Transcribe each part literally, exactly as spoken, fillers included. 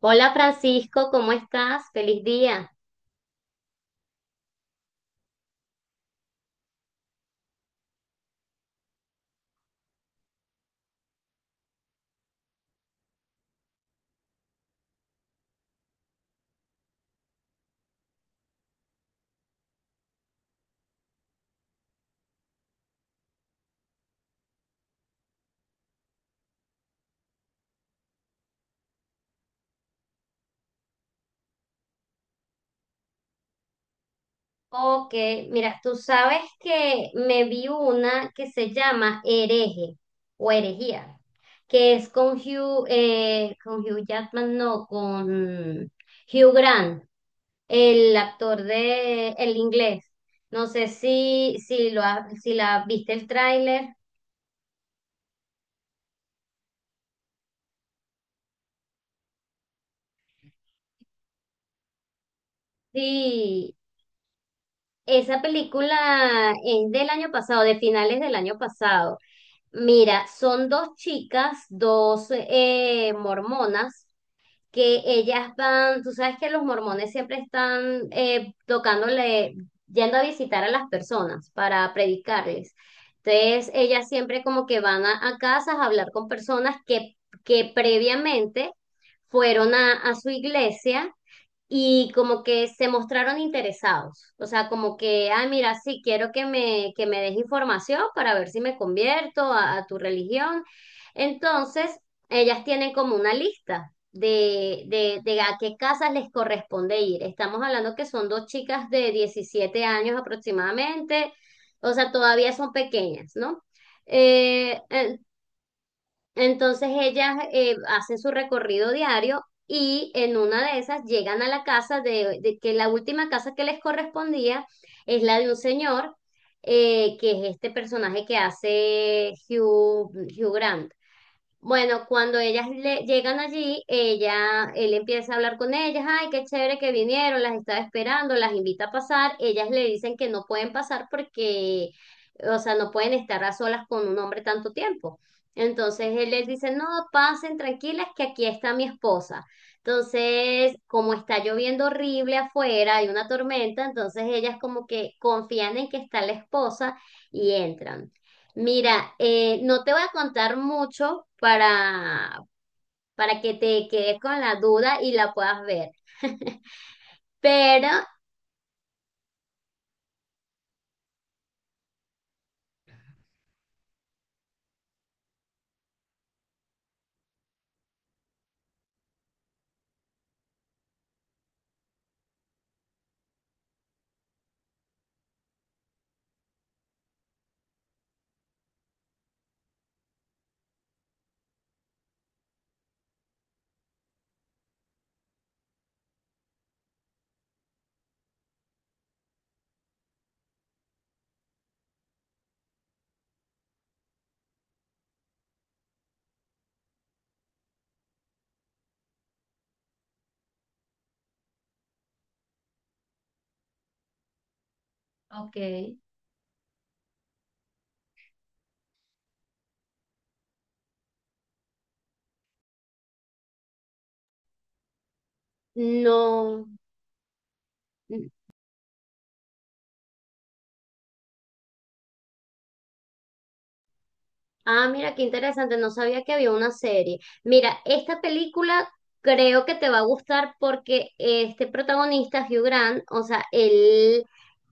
Hola Francisco, ¿cómo estás? Feliz día. Ok, mira, tú sabes que me vi una que se llama Hereje o Herejía, que es con Hugh, eh, con Hugh Jackman, no, con Hugh Grant, el actor de El Inglés. No sé si, si, lo ha- si la viste el tráiler. Sí, esa película es del año pasado, de finales del año pasado. Mira, son dos chicas, dos eh, mormonas, que ellas van, tú sabes que los mormones siempre están eh, tocándole, yendo a visitar a las personas para predicarles. Entonces, ellas siempre como que van a, a casas a hablar con personas que, que previamente fueron a, a su iglesia y como que se mostraron interesados, o sea, como que, ah, mira, sí, quiero que me, que me des información para ver si me convierto a, a tu religión. Entonces, ellas tienen como una lista de, de, de a qué casas les corresponde ir. Estamos hablando que son dos chicas de diecisiete años aproximadamente, o sea, todavía son pequeñas, ¿no? Eh, eh, entonces ellas eh, hacen su recorrido diario y en una de esas llegan a la casa de, de que la última casa que les correspondía es la de un señor eh, que es este personaje que hace Hugh, Hugh Grant. Bueno, cuando ellas le llegan allí, ella, él empieza a hablar con ellas, ay, qué chévere que vinieron, las estaba esperando, las invita a pasar, ellas le dicen que no pueden pasar porque, o sea, no pueden estar a solas con un hombre tanto tiempo. Entonces él les dice, no, pasen tranquilas, que aquí está mi esposa. Entonces, como está lloviendo horrible afuera, hay una tormenta, entonces ellas como que confían en que está la esposa y entran. Mira, eh, no te voy a contar mucho para, para que te quedes con la duda y la puedas ver, pero Ok. No. Ah, mira, qué interesante, no sabía que había una serie. Mira, esta película creo que te va a gustar porque este protagonista, Hugh Grant, o sea, él,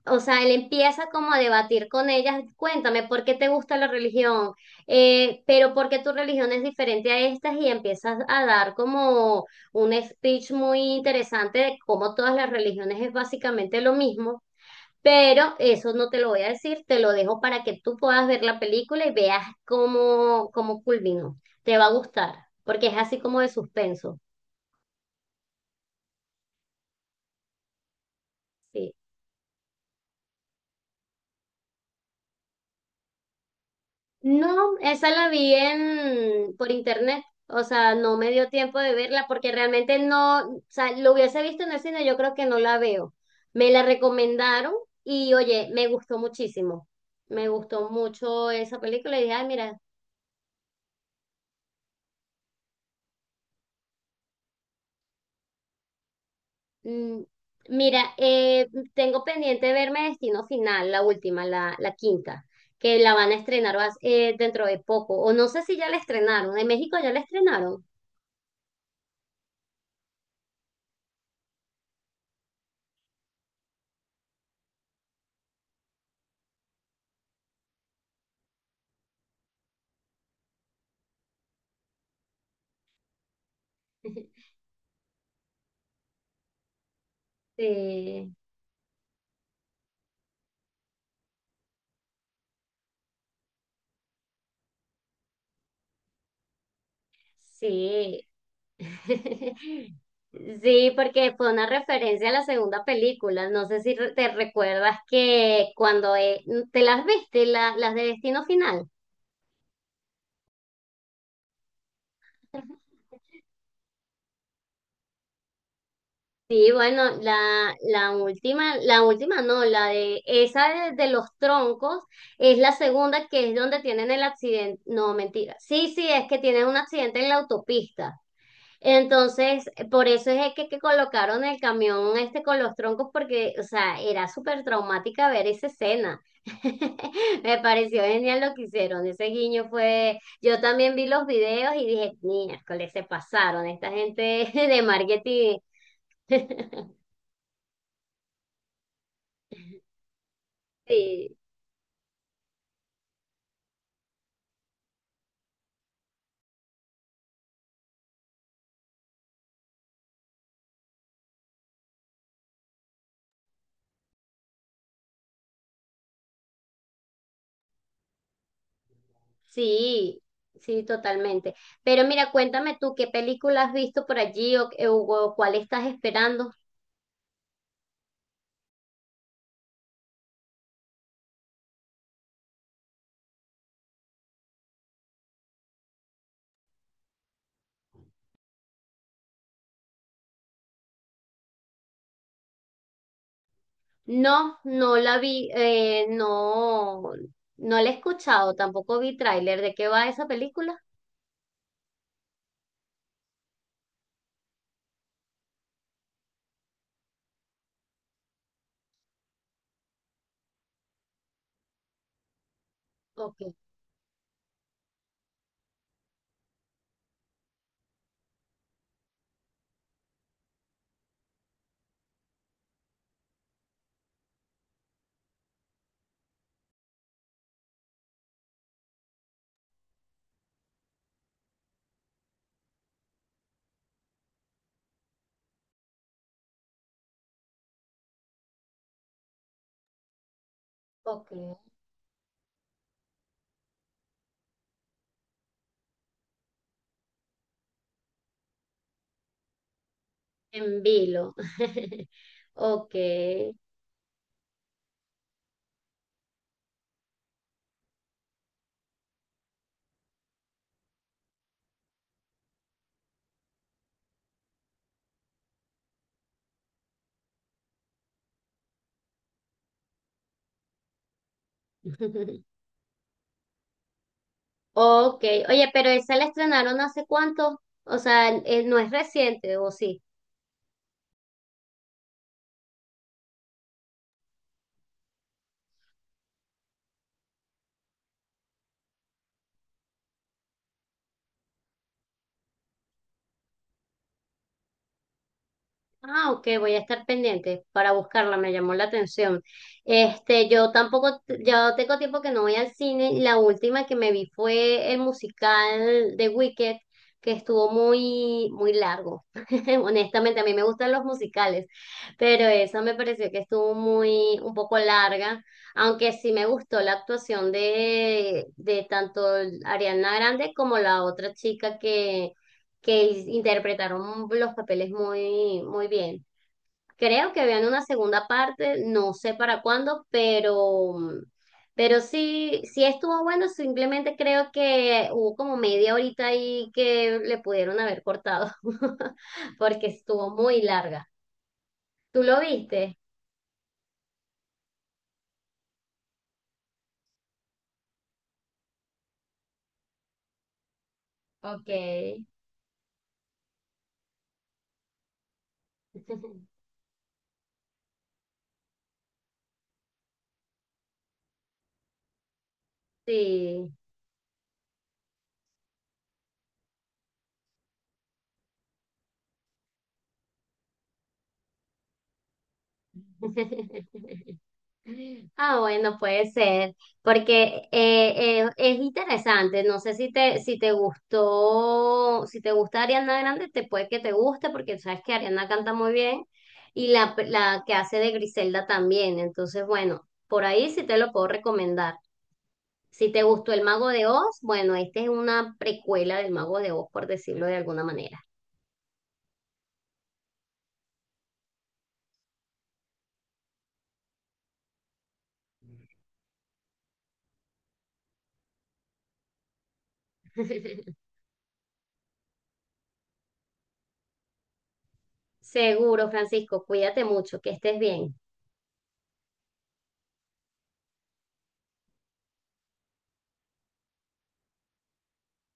o sea, él empieza como a debatir con ellas, cuéntame, ¿por qué te gusta la religión? Eh, pero ¿por qué tu religión es diferente a estas? Y empiezas a dar como un speech muy interesante de cómo todas las religiones es básicamente lo mismo. Pero eso no te lo voy a decir, te lo dejo para que tú puedas ver la película y veas cómo, cómo culminó. Te va a gustar, porque es así como de suspenso. Sí. No, esa la vi en, por internet, o sea, no me dio tiempo de verla porque realmente no, o sea, lo hubiese visto en el cine, yo creo que no la veo. Me la recomendaron y oye, me gustó muchísimo. Me gustó mucho esa película y dije, ay, mira. Mm, Mira, eh, tengo pendiente verme Destino Final, la última, la, la quinta, que la van a estrenar vas- eh, dentro de poco. O no sé si ya la estrenaron. En México ya la estrenaron. Sí, sí. Sí, porque fue una referencia a la segunda película. No sé si re- te recuerdas que cuando eh, te las viste, la- las de Destino Final. Sí, bueno, la, la última, la última no, la de esa de, de los troncos es la segunda que es donde tienen el accidente. No, mentira. Sí, sí, es que tienen un accidente en la autopista. Entonces, por eso es que, que colocaron el camión este con los troncos, porque, o sea, era súper traumática ver esa escena. Me pareció genial lo que hicieron. Ese guiño fue. Yo también vi los videos y dije, miércoles, se pasaron. Esta gente de marketing. Sí, sí, sí, totalmente. Pero mira, cuéntame tú, ¿qué película has visto por allí o, eh, o cuál estás esperando? No, no la vi, eh, no, no la he escuchado, tampoco vi tráiler. ¿De qué va esa película? Ok, ok. En vilo. Ok. Ok. ¿Oye, pero esa la estrenaron hace cuánto? O sea, eh, no es reciente, ¿o sí? Ah, ok, voy a estar pendiente para buscarla, me llamó la atención. Este, yo tampoco, ya tengo tiempo que no voy al cine. La última que me vi fue el musical de Wicked, que estuvo muy, muy largo. Honestamente, a mí me gustan los musicales, pero esa me pareció que estuvo muy, un poco larga, aunque sí me gustó la actuación de, de tanto Ariana Grande como la otra chica que que interpretaron los papeles muy, muy bien. Creo que habían una segunda parte, no sé para cuándo, pero, mm, pero sí, sí estuvo bueno, simplemente creo que hubo como media horita ahí que le pudieron haber cortado, porque estuvo muy larga. ¿Tú lo viste? Ok. Sí. Ah, bueno, puede ser, porque eh, eh, es interesante. No sé si te, si te gustó, si te gusta Ariana Grande, te puede que te guste, porque sabes que Ariana canta muy bien y la, la que hace de Griselda también. Entonces, bueno, por ahí sí te lo puedo recomendar. Si te gustó El Mago de Oz, bueno, esta es una precuela del Mago de Oz, por decirlo de alguna manera. Seguro, Francisco, cuídate mucho, que estés bien.